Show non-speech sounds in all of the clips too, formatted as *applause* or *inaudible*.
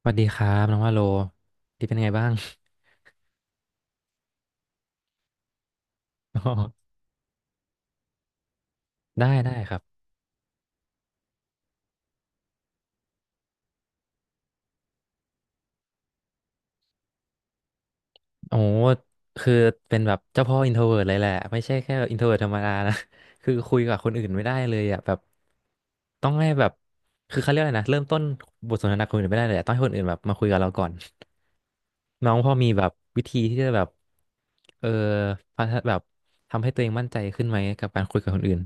สวัสดีครับน้องว่าโลที่เป็นไงบ้าง *laughs* อ๋อได้ได้ครับโอ้คือเป็นแบบเจ้าพ่ออินโทรเวิร์เลยแหละไม่ใช่แค่อินโทรเวิร์ธรรมดานะ *laughs* คือคุยกับคนอื่นไม่ได้เลยอ่ะแบบต้องให้แบบคือเขาเรียกอะไรนะเริ่มต้นบทสนทนากับคนอื่นไม่ได้เลยอะต้องให้คนอื่นแบบมาคุยกับเราก่อน *laughs* น้องพอมีแบบวิธีที่จะแบบเออพัฒนาแบบทำให้ตัวเองมั่นใจขึ้นไหมกับการคุยกับคนอื่น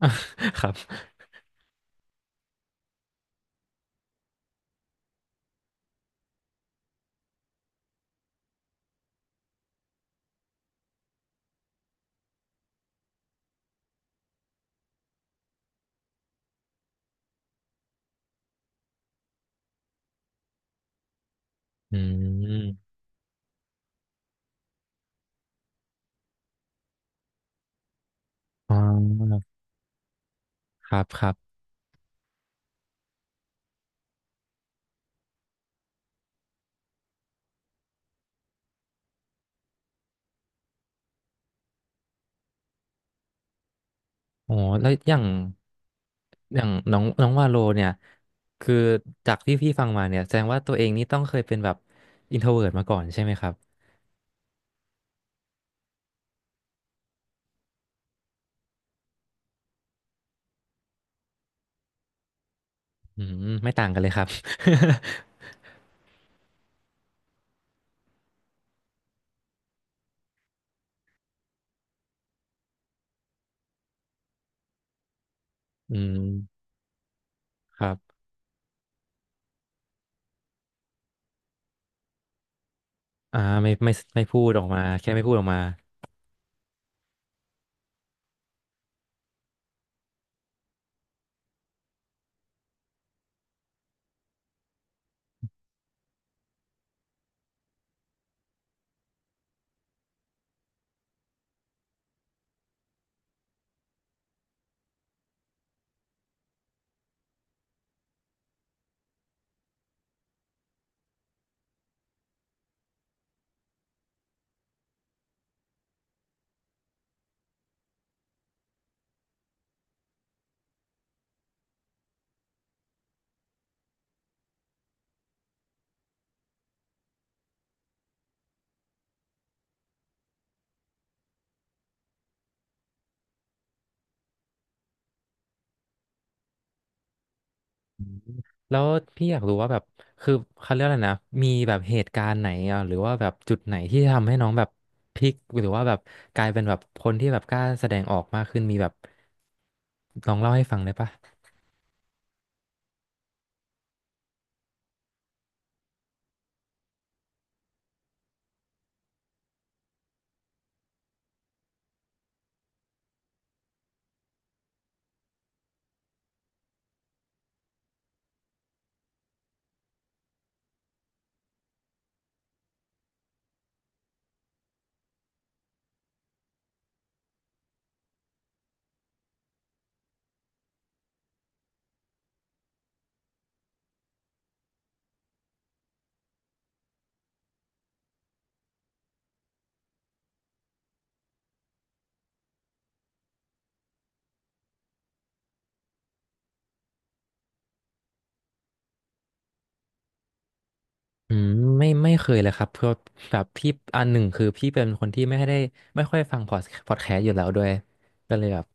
*laughs* ครับอืมอ๋อครับครับ อ๋อแล้วอย่างอย่างน้องน้องวาโลเนี่ยคือจากที่พี่ฟังมาเนี่ยแสดงว่าตัวเองนี่ต้องเคยเป็นแบบอินโทรเวิร์ตมาก่อนใช่ไหมครับอืมไม่ต่างกันเลยครับ *laughs* อืมครับอ่าไม่ไม่พูดออกมาแค่ไม่พูดออกมาอืมแล้วพี่อยากรู้ว่าแบบคือเขาเรียกอะไรนะมีแบบเหตุการณ์ไหนอ่ะหรือว่าแบบจุดไหนที่ทำให้น้องแบบพลิกหรือว่าแบบกลายเป็นแบบคนที่แบบกล้าแสดงออกมากขึ้นมีแบบลองเล่าให้ฟังได้ปะ อืมไม่เคยเลยครับเพราะแบบพี่อันหนึ่งคือพี่เป็นคนที่ไม่ได้ไม่ค่อยฟังพอดแคสต์อยู่แล้วด้วยก็เลยแบบ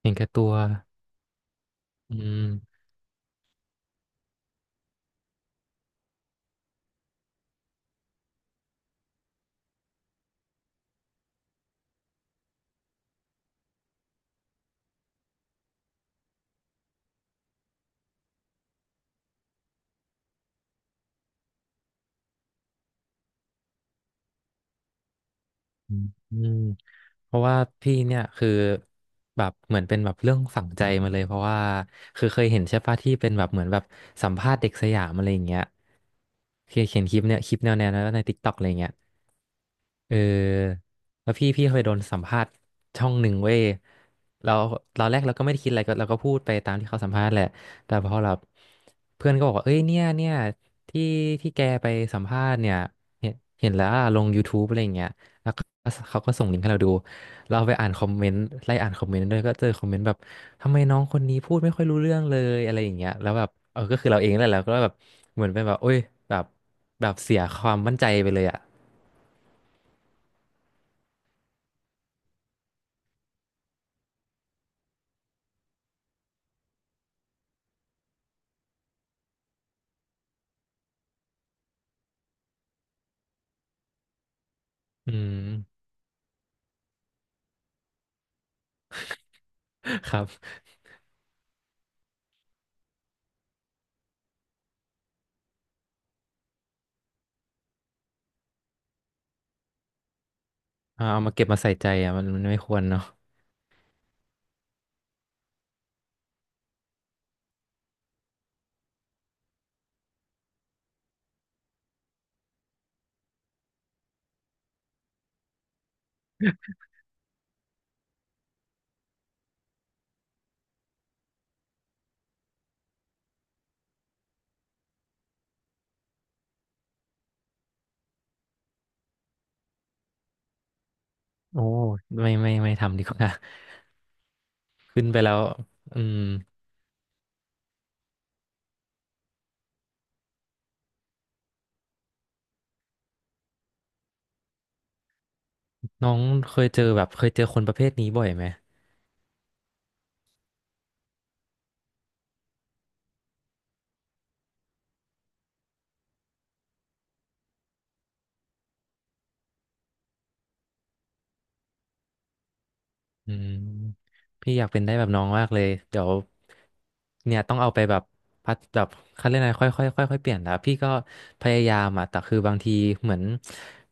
เห็นแก่ตัวอืมอืมอืมเพราะว่าพี่เนี่ยคือแบบเหมือนเป็นแบบเรื่องฝังใจมาเลยเพราะว่าคือเคยเห็นใช่ปะที่เป็นแบบเหมือนแบบสัมภาษณ์เด็กสยามอะไรอย่างเงี้ยเคยเห็นคลิปเนี่ยคลิปแนวนั้นในติ๊กต็อกอะไรอย่างเงี้ย เออแล้วพี่เคยโดนสัมภาษณ์ช่องหนึ่งเว้ยเราตอนแรกเราก็ไม่ได้คิดอะไรก็เราก็พูดไปตามที่เขาสัมภาษณ์แหละแต่พอเราเพื่อนก็บอกว่าเอ้ยเนี่ยที่แกไปสัมภาษณ์เนี่ยเห็นเห็นแล้วอะลง YouTube อะไรอย่างเงี้ยแล้วก็เขาก็ส่งลิงก์ให้เราดูเราไปอ่านคอมเมนต์ไล่อ่านคอมเมนต์ด้วยก็เจอคอมเมนต์แบบทำไมน้องคนนี้พูดไม่ค่อยรู้เรื่องเลยอะไรอย่างเงี้ยแล้วแบบเออก็คือเราเองแหละเราก็แบบเหมือนเป็นแบบโอ้ยแบบแบบเสียความมั่นใจไปเลยอ่ะอืม ครับเอามาเก็บมาใส่ใจอ่ะมันไม่ควรเนาะโอ้ไม่ไม่ทำดีกว่า *laughs* ขึ้นไปแล้วอืมน้องเคยเจอแบบเคยเจอคนประเภทนี้บ่อยไหมอืมพี่อยากเป็นได้แบบน้องมากเลยเดี๋ยวเนี่ยต้องเอาไปแบบพัดแบบเขาเรียกอะไรค่อยค่อยค่อยค่อยๆเปลี่ยนนะพี่ก็พยายามอ่ะแต่คือบางทีเหมือน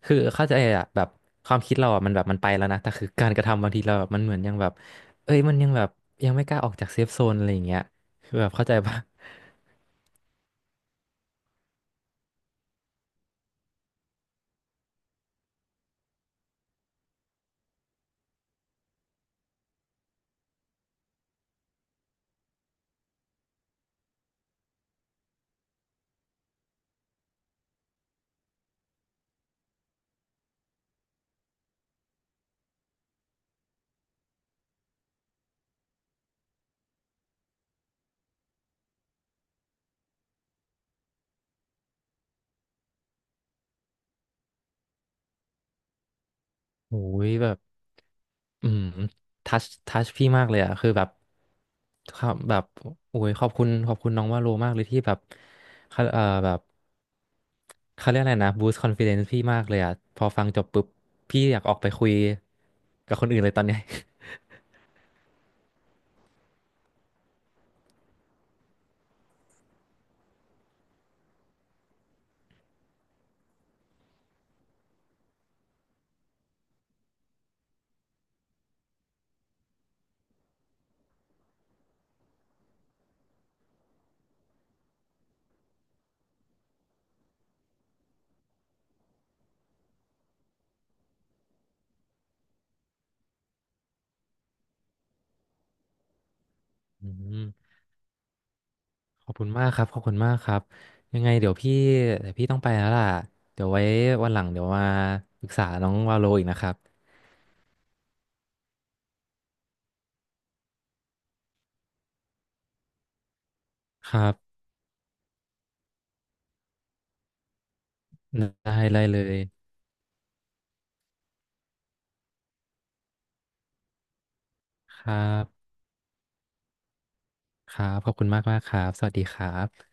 คือเข้าใจอ่ะแบบความคิดเราอ่ะมันแบบมันไปแล้วนะแต่คือการกระทำบางทีเราแบบมันเหมือนยังแบบเอ้ยมันยังแบบยังไม่กล้าออกจากเซฟโซนอะไรอย่างเงี้ยคือแบบเข้าใจปะ โอ้ยแบบอืมทัชพี่มากเลยอะคือแบบครับแบบโอ้ยขอบคุณขอบคุณน้องว่าโลมากเลยที่แบบเขาแบบเขาเรียกอะไรนะบูสต์คอนฟิเดนซ์พี่มากเลยอะพอฟังจบปุ๊บพี่อยากออกไปคุยกับคนอื่นเลยตอนเนี้ยอืมขอบคุณมากครับขอบคุณมากครับยังไงเดี๋ยวพี่ต้องไปแล้วล่ะเดี๋ยวไว้วันหลังเดี๋ยวมาปรึกษาน้องวาโลอีกนะครับครับได้เลยครับ ครับ ขอบคุณมากมากครับ สวัสดีครับ